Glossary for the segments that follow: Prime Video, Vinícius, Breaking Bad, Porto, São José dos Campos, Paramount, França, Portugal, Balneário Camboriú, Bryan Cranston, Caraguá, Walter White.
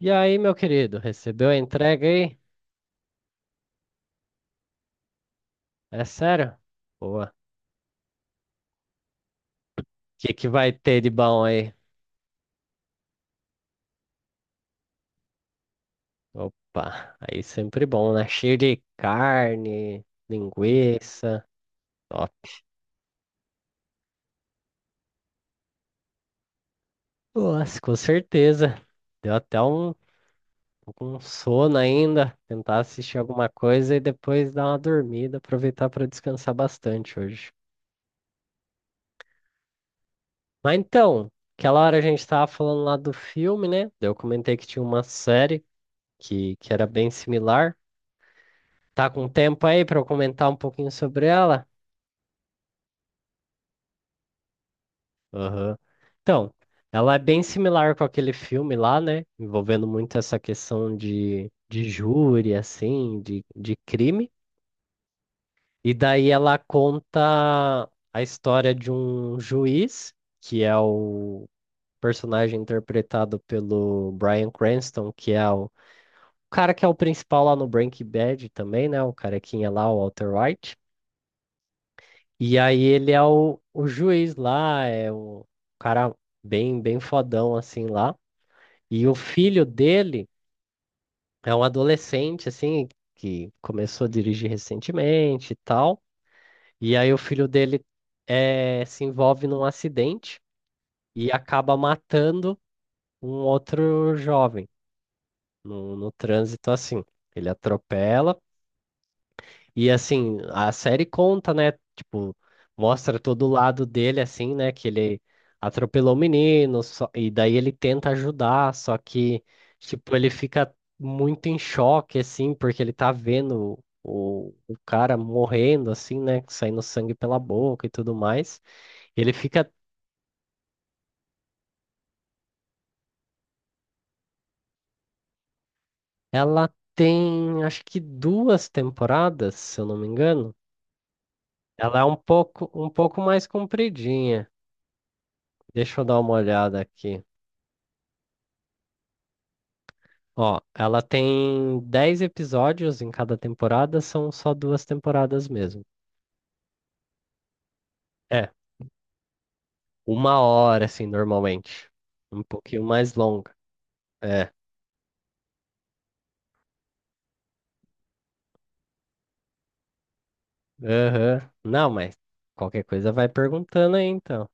E aí, meu querido, recebeu a entrega aí? É sério? Boa. O que que vai ter de bom aí? Opa, aí sempre bom, né? Cheio de carne, linguiça. Top. Nossa, com certeza. Deu até um sono ainda. Tentar assistir alguma coisa e depois dar uma dormida, aproveitar para descansar bastante hoje. Mas então, aquela hora a gente tava falando lá do filme, né? Daí eu comentei que tinha uma série que era bem similar. Tá com um tempo aí para eu comentar um pouquinho sobre ela? Aham. Então, ela é bem similar com aquele filme lá, né? Envolvendo muito essa questão de júri, assim, de crime. E daí ela conta a história de um juiz, que é o personagem interpretado pelo Bryan Cranston, que é o cara que é o principal lá no Breaking Bad também, né? O carequinha lá, o Walter White. E aí ele é o juiz lá, é o cara bem, bem fodão assim lá. E o filho dele é um adolescente assim, que começou a dirigir recentemente e tal. E aí o filho dele se envolve num acidente e acaba matando um outro jovem no trânsito assim. Ele atropela. E assim, a série conta, né? Tipo, mostra todo o lado dele, assim, né? Que ele atropelou o menino, e daí ele tenta ajudar, só que, tipo, ele fica muito em choque, assim, porque ele tá vendo o cara morrendo, assim, né? Saindo sangue pela boca e tudo mais. Ele fica. Ela tem, acho que duas temporadas, se eu não me engano. Ela é um pouco mais compridinha. Deixa eu dar uma olhada aqui. Ó, ela tem 10 episódios em cada temporada, são só duas temporadas mesmo. É, uma hora, assim, normalmente. Um pouquinho mais longa. É, aham. Não, mas qualquer coisa vai perguntando aí, então.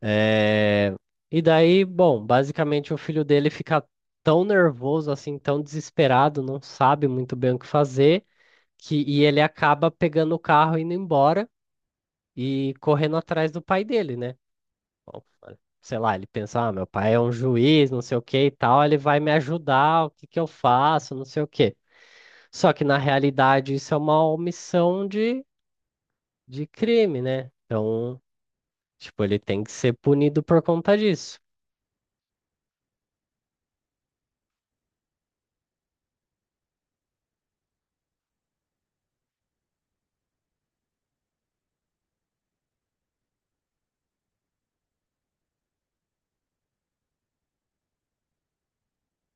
É... E daí, bom, basicamente o filho dele fica tão nervoso, assim, tão desesperado, não sabe muito bem o que fazer, que... e ele acaba pegando o carro, indo embora e correndo atrás do pai dele, né? Bom, sei lá, ele pensa, ah, meu pai é um juiz, não sei o que e tal, ele vai me ajudar, o que que eu faço, não sei o que. Só que na realidade isso é uma omissão de crime, né? Então, tipo, ele tem que ser punido por conta disso.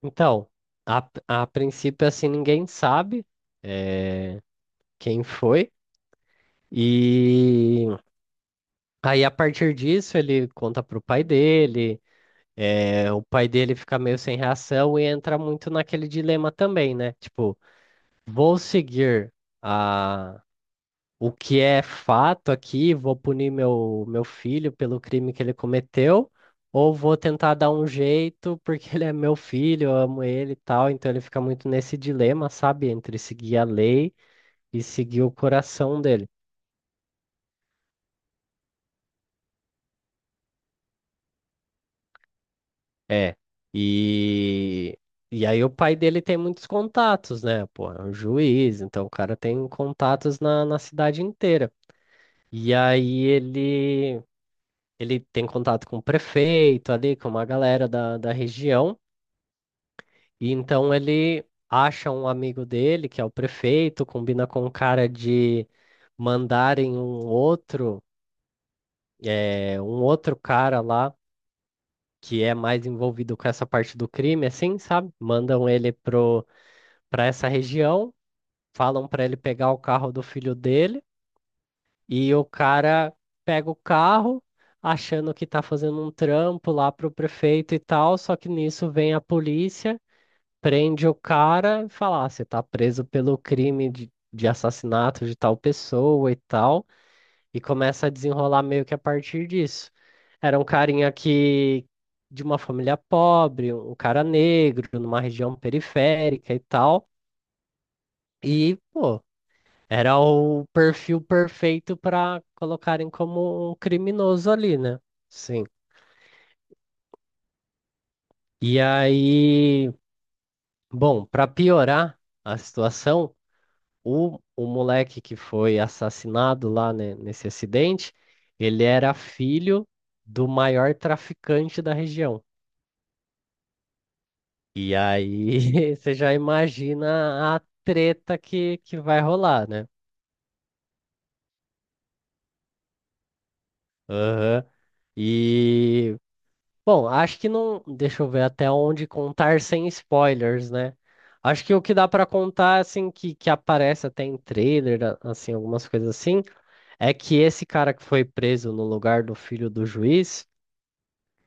Então, a princípio, assim, ninguém sabe quem foi, e aí a partir disso ele conta pro pai dele. É, o pai dele fica meio sem reação e entra muito naquele dilema também, né? Tipo, vou seguir a, o que é fato aqui, vou punir meu filho pelo crime que ele cometeu, ou vou tentar dar um jeito, porque ele é meu filho, eu amo ele e tal, então ele fica muito nesse dilema, sabe, entre seguir a lei e seguir o coração dele. É, e, e aí o pai dele tem muitos contatos, né, pô, é um juiz, então o cara tem contatos na cidade inteira. E aí ele tem contato com o prefeito ali, com uma galera da região, e então ele acha um amigo dele, que é o prefeito, combina com o cara de mandarem um outro cara lá que é mais envolvido com essa parte do crime, assim, sabe? Mandam ele pra essa região, falam para ele pegar o carro do filho dele. E o cara pega o carro, achando que tá fazendo um trampo lá pro prefeito e tal, só que nisso vem a polícia, prende o cara e fala: "Ah, você tá preso pelo crime de assassinato de tal pessoa e tal, e começa a desenrolar meio que a partir disso. Era um carinha que. De uma família pobre, um cara negro, numa região periférica e tal. E, pô, era o perfil perfeito para colocarem como um criminoso ali, né? Sim. E aí, bom, para piorar a situação, o moleque que foi assassinado lá, né, nesse acidente, ele era filho do maior traficante da região. E aí, você já imagina a treta que vai rolar, né? Aham. E Bom, acho que não. Deixa eu ver até onde contar sem spoilers, né? Acho que o que dá pra contar, assim, que aparece até em trailer, assim, algumas coisas assim, é que esse cara que foi preso no lugar do filho do juiz,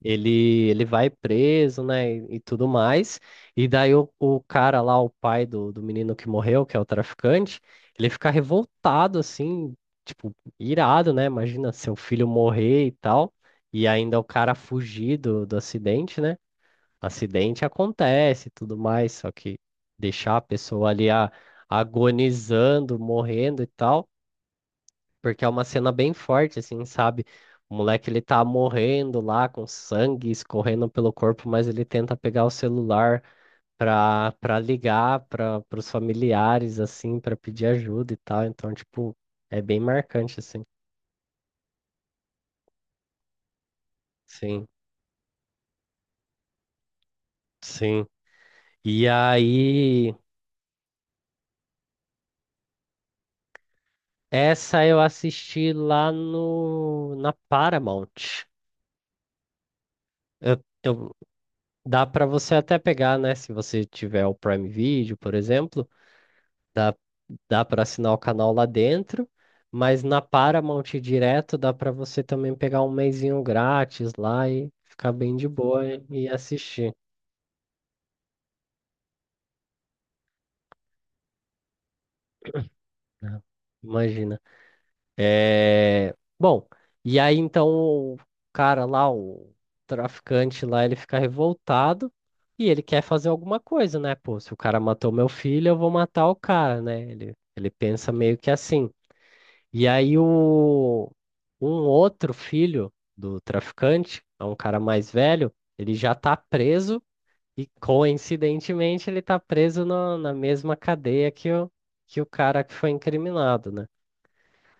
ele vai preso, né, e tudo mais. E daí o cara lá, o pai do menino que morreu, que é o traficante, ele fica revoltado, assim, tipo, irado, né? Imagina seu filho morrer e tal, e ainda o cara fugir do acidente, né? Acidente acontece e tudo mais, só que deixar a pessoa ali agonizando, morrendo e tal porque é uma cena bem forte, assim, sabe? O moleque ele tá morrendo lá com sangue escorrendo pelo corpo, mas ele tenta pegar o celular pra ligar para os familiares, assim, pra pedir ajuda e tal. Então, tipo, é bem marcante, assim. Sim, sim. E aí, essa eu assisti lá no, na Paramount. Eu, eu- Dá pra você até pegar, né? Se você tiver o Prime Video, por exemplo. Dá, dá para assinar o canal lá dentro, mas na Paramount direto dá para você também pegar um mesinho grátis lá e ficar bem de boa e assistir, né? Imagina. É... Bom, e aí então o cara lá, o traficante lá, ele fica revoltado e ele quer fazer alguma coisa, né? Pô, se o cara matou meu filho, eu vou matar o cara, né? Ele pensa meio que assim. E aí o um outro filho do traficante, é um cara mais velho, ele já tá preso e coincidentemente ele tá preso na mesma cadeia que o cara que foi incriminado, né?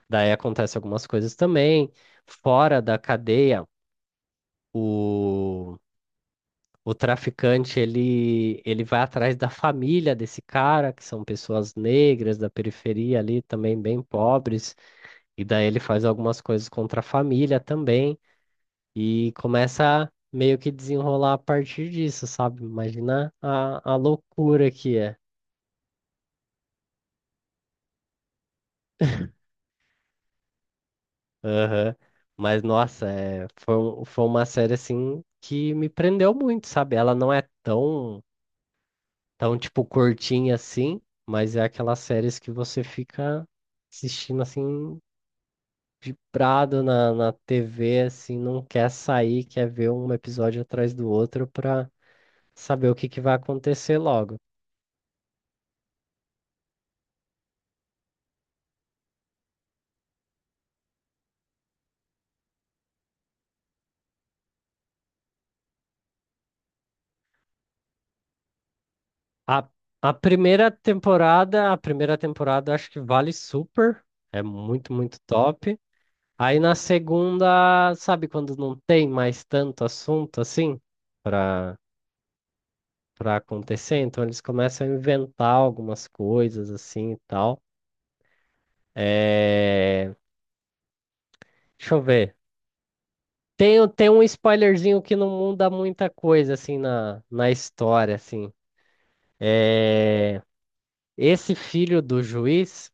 Daí acontece algumas coisas também. Fora da cadeia, o, o traficante ele vai atrás da família desse cara, que são pessoas negras da periferia ali, também bem pobres. E daí ele faz algumas coisas contra a família também e começa a meio que desenrolar a partir disso, sabe? Imagina a loucura que é. Aham. Mas nossa, foi uma série assim que me prendeu muito, sabe? Ela não é tão tipo curtinha assim, mas é aquelas séries que você fica assistindo assim vibrado na TV, assim, não quer sair, quer ver um episódio atrás do outro pra saber o que que vai acontecer logo. A, a primeira temporada eu acho que vale super, é muito, muito top. Aí na segunda, sabe quando não tem mais tanto assunto assim para para acontecer, então eles começam a inventar algumas coisas assim e tal. É... Deixa eu ver. Tem um spoilerzinho que não muda muita coisa assim na história assim. Esse filho do juiz,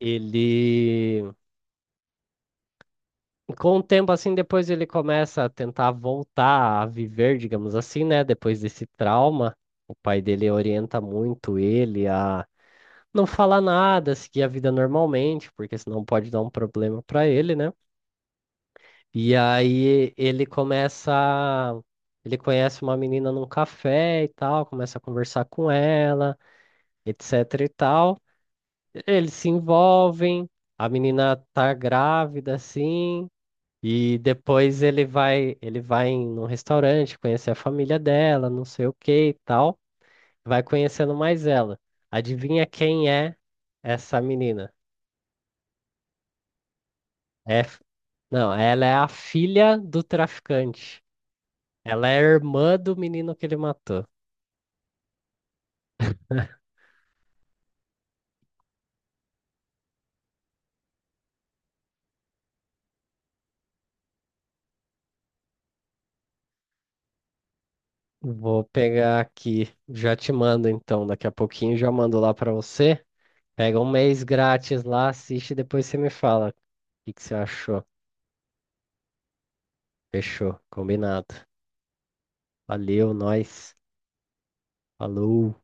ele com o tempo, assim, depois ele começa a tentar voltar a viver, digamos assim, né? Depois desse trauma, o pai dele orienta muito ele a não falar nada, seguir a vida normalmente, porque senão pode dar um problema pra ele, né? E aí ele começa. Ele conhece uma menina num café e tal, começa a conversar com ela, etc e tal. Eles se envolvem, a menina tá grávida, assim. E depois ele vai em um restaurante conhecer a família dela, não sei o que e tal. Vai conhecendo mais ela. Adivinha quem é essa menina? É, f- não, ela é a filha do traficante. Ela é a irmã do menino que ele matou. Vou pegar aqui, já te mando então, daqui a pouquinho já mando lá pra você. Pega um mês grátis lá, assiste e depois você me fala o que que você achou. Fechou, combinado. Valeu, nós. Falou.